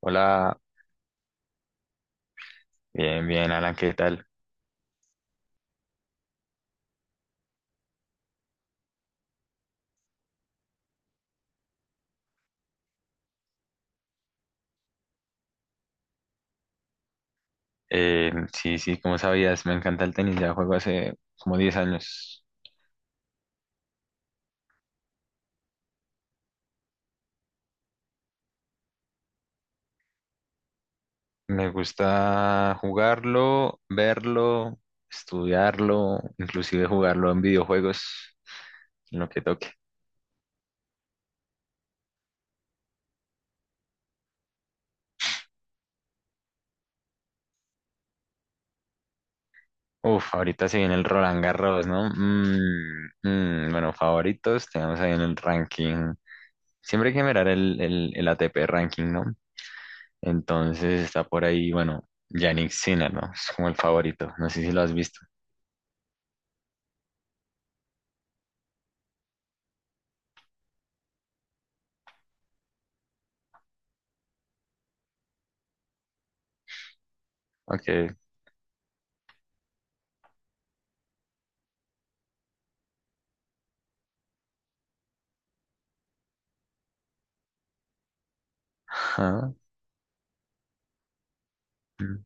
Hola, bien, bien, Alan, ¿qué tal? Sí, sí, como sabías, me encanta el tenis, ya juego hace como 10 años. Me gusta jugarlo, verlo, estudiarlo, inclusive jugarlo en videojuegos, en lo que toque. Uf, ahorita se viene el Roland Garros, ¿no? Bueno, favoritos, tenemos ahí en el ranking. Siempre hay que mirar el ATP ranking, ¿no? Entonces está por ahí, bueno, Yannick Sinner, ¿no? Es como el favorito, no sé si lo has visto. Okay. Ajá. Mm.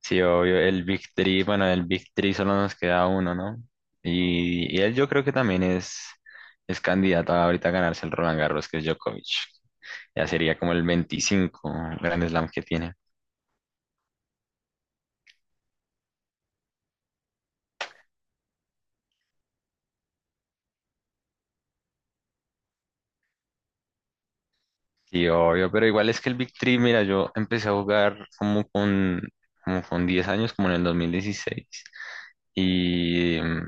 Sí, obvio. El Big Three, bueno, el Big Three solo nos queda uno, ¿no? Y él yo creo que también es candidato a ahorita a ganarse el Roland Garros, que es Djokovic. Ya sería como el 25 Grand Slam que tiene. Sí, obvio, pero igual es que el Big Three, mira, yo empecé a jugar como con 10 años, como en el 2016. Y, mm,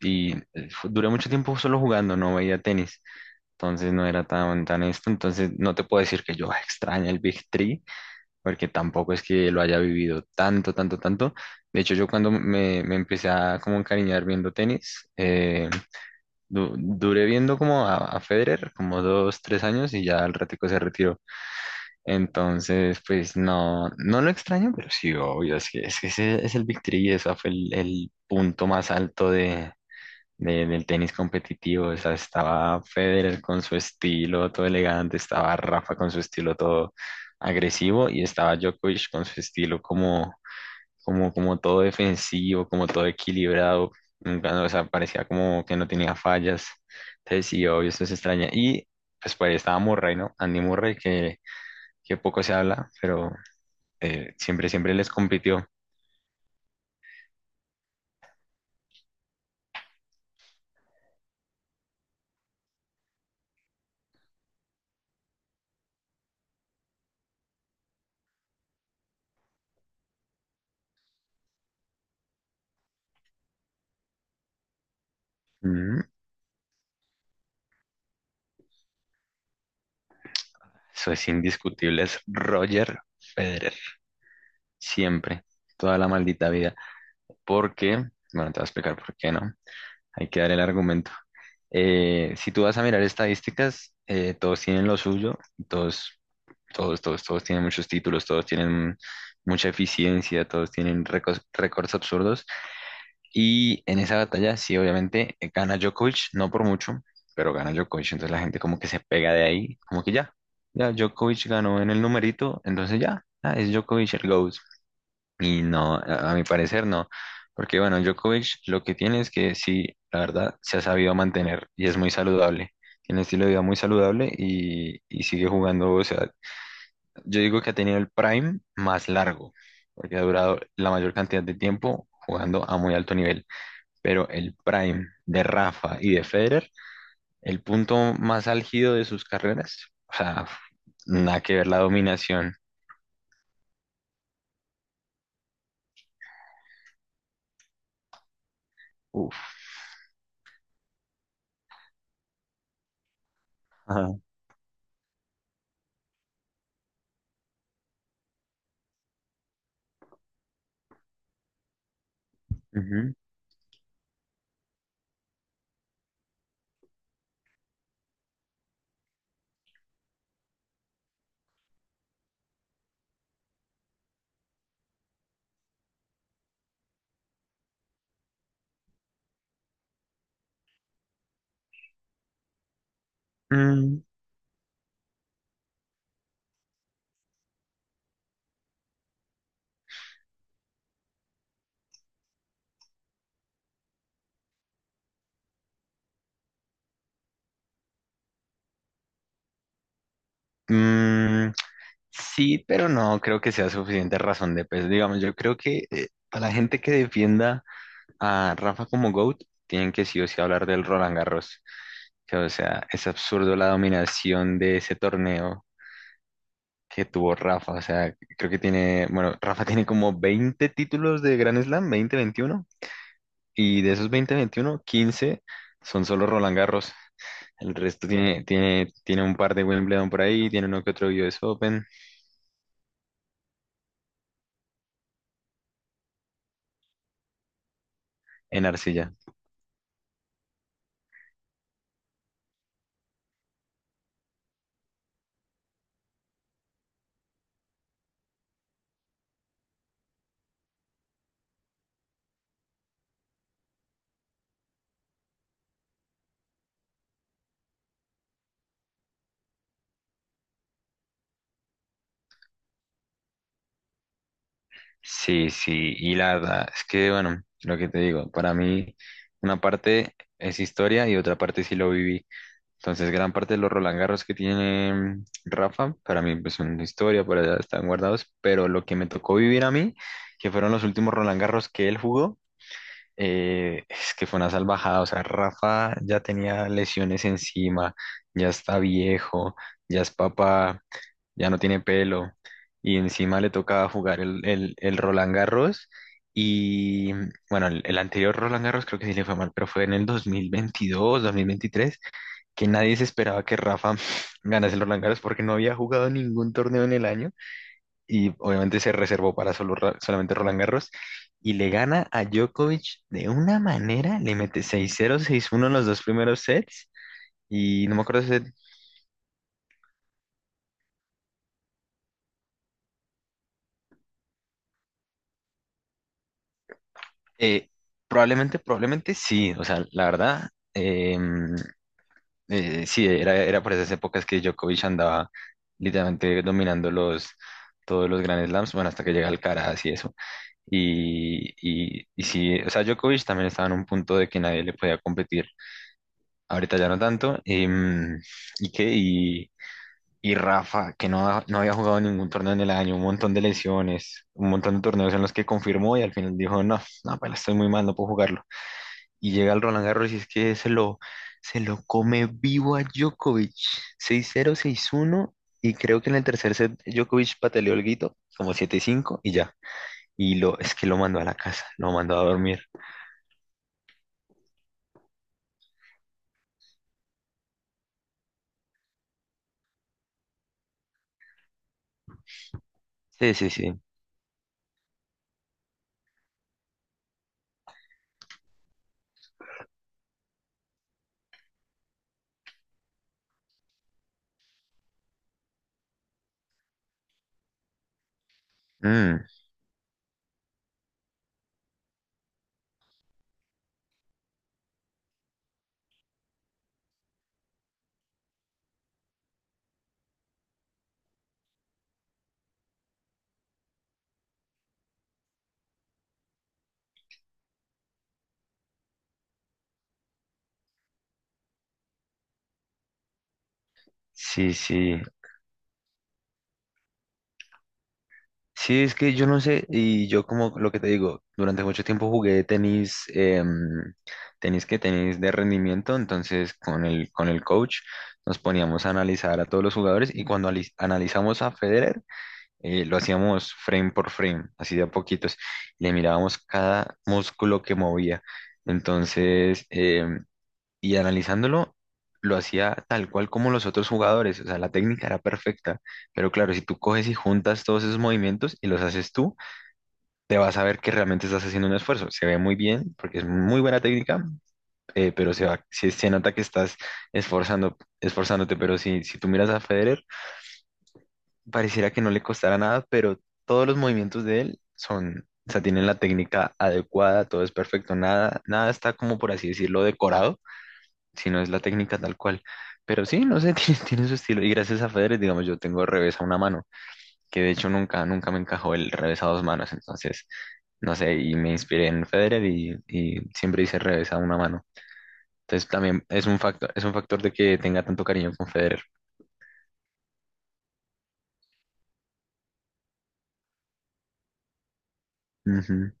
y duré mucho tiempo solo jugando, no veía tenis. Entonces no era tan esto. Entonces no te puedo decir que yo "Ah, extraña el Big Three, porque tampoco es que lo haya vivido tanto, tanto, tanto. De hecho, yo cuando me empecé a como encariñar viendo tenis, duré viendo como a Federer como 2, 3 años y ya al ratico se retiró. Entonces, pues no, no lo extraño, pero sí, obvio, es que ese es el Big Three y eso fue el punto más alto del tenis competitivo. O sea, estaba Federer con su estilo todo elegante, estaba Rafa con su estilo todo agresivo y estaba Djokovic con su estilo como todo defensivo, como todo equilibrado. Nunca, o sea, parecía como que no tenía fallas. Entonces, sí, obvio, eso se extraña. Y pues por ahí estaba Murray, ¿no? Andy Murray, que poco se habla, pero siempre, siempre les compitió. Ujú. Eso es indiscutible, es Roger Federer. Siempre, toda la maldita vida. Porque, bueno, te voy a explicar por qué no. Hay que dar el argumento. Si tú vas a mirar estadísticas, todos tienen lo suyo, todos, todos tienen muchos títulos, todos tienen mucha eficiencia, todos tienen récords, récords absurdos. Y en esa batalla, sí, obviamente, gana Djokovic, no por mucho, pero gana Djokovic. Entonces la gente como que se pega de ahí, como que ya Djokovic ganó en el numerito, entonces ya, ah, es Djokovic el GOAT. Y no, a mi parecer no, porque bueno, Djokovic lo que tiene es que sí, la verdad, se ha sabido mantener y es muy saludable. Tiene un estilo de vida muy saludable y sigue jugando, o sea, yo digo que ha tenido el prime más largo, porque ha durado la mayor cantidad de tiempo jugando a muy alto nivel. Pero el prime de Rafa y de Federer, el punto más álgido de sus carreras, o sea, nada que ver la dominación. Uf. Ajá. Ujú. Mm, mm, Sí pero no creo que sea suficiente razón de peso. Digamos, yo creo que a la gente que defienda a Rafa como GOAT, tienen que sí o sí hablar del Roland Garros. Que, o sea, es absurdo la dominación de ese torneo que tuvo Rafa. O sea, creo que tiene, bueno, Rafa tiene como 20 títulos de Grand Slam, 20, 21, y de esos 20, 21, 15 son solo Roland Garros. El resto tiene un par de Wimbledon por ahí, tiene uno que otro US Open en arcilla. Sí, sí, y la verdad es que, bueno, lo que te digo, para mí una parte es historia y otra parte sí lo viví. Entonces, gran parte de los Roland Garros que tiene Rafa, para mí pues son historia, por allá están guardados, pero lo que me tocó vivir a mí, que fueron los últimos Roland Garros que él jugó, es que fue una salvajada, o sea, Rafa ya tenía lesiones encima, ya está viejo, ya es papá, ya no tiene pelo. Y encima le toca jugar el Roland Garros. Y bueno, el anterior Roland Garros creo que sí le fue mal, pero fue en el 2022 2023 que nadie se esperaba que Rafa ganase el Roland Garros porque no había jugado ningún torneo en el año. Y obviamente se reservó para solamente Roland Garros. Y le gana a Djokovic de una manera, le mete 6-0, 6-1 en los dos primeros sets. Y no me acuerdo. Eh, probablemente, probablemente sí. O sea, la verdad, sí, era por esas épocas que Djokovic andaba literalmente dominando todos los Grand Slams, bueno, hasta que llega Alcaraz y eso. Y sí, o sea, Djokovic también estaba en un punto de que nadie le podía competir. Ahorita ya no tanto. ¿Y qué? Y Rafa, que no, no había jugado ningún torneo en el año, un montón de lesiones, un montón de torneos en los que confirmó y al final dijo, no, no, pues estoy muy mal, no puedo jugarlo y llega al Roland Garros y es que se lo come vivo a Djokovic. Seis cero seis uno y creo que en el tercer set Djokovic pataleó el guito, como 7-5 y ya. Y es que lo mandó a la casa, lo mandó a dormir. Sí, sí, sí. Mm, sí, sí. Sí, es que yo no sé, y yo como lo que te digo, durante mucho tiempo jugué tenis, tenis que tenis de rendimiento, entonces con el coach nos poníamos a analizar a todos los jugadores y cuando analizamos a Federer, lo hacíamos frame por frame, así de a poquitos. Le mirábamos cada músculo que movía. Entonces, y analizándolo, lo hacía tal cual como los otros jugadores. O sea, la técnica era perfecta. Pero claro, si tú coges y juntas todos esos movimientos y los haces tú, te vas a ver que realmente estás haciendo un esfuerzo. Se ve muy bien, porque es muy buena técnica, pero se nota que estás esforzándote. Pero si tú miras a Federer, pareciera que no le costara nada, pero todos los movimientos de él son, o sea, tienen la técnica adecuada, todo es perfecto, nada, nada está como por así decirlo decorado, sino es la técnica tal cual. Pero sí, no sé, tiene su estilo. Y gracias a Federer, digamos, yo tengo revés a una mano, que de hecho nunca, nunca me encajó el revés a dos manos. Entonces, no sé, y me inspiré en Federer y siempre hice revés a una mano. Entonces también es un factor de que tenga tanto cariño con Federer. Ujú,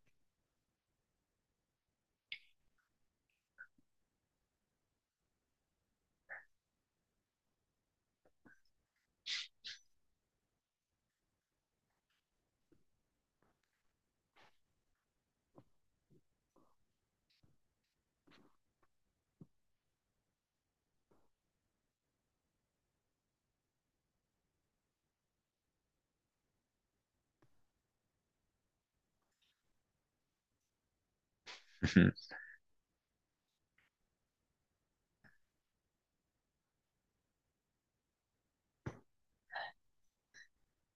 ujú.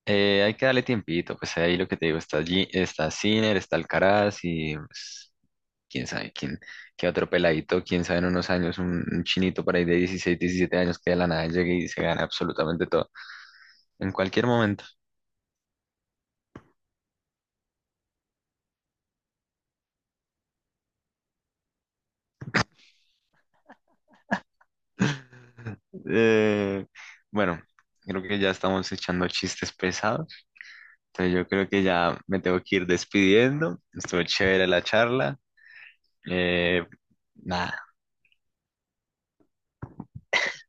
Hay que darle tiempito, pues ahí lo que te digo, está allí, está Sinner, está Alcaraz y pues, quién sabe quién, qué otro peladito, quién sabe en unos años un chinito por ahí de 16, 17 años que de la nada llegue y se gane absolutamente todo, en cualquier momento. Eh, bueno, creo que ya estamos echando chistes pesados, entonces yo creo que ya me tengo que ir despidiendo, estuvo chévere la charla, eh, nada,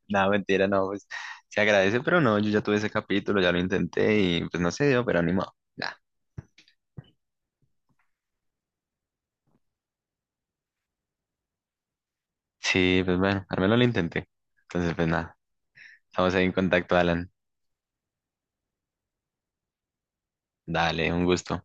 nada, mentira, no, pues se agradece, pero no, yo ya tuve ese capítulo, ya lo intenté y pues no se dio, pero animado. Nada. Sí, pues bueno, al menos lo intenté. Entonces, pues nada, estamos ahí en contacto, Alan. Dale, un gusto.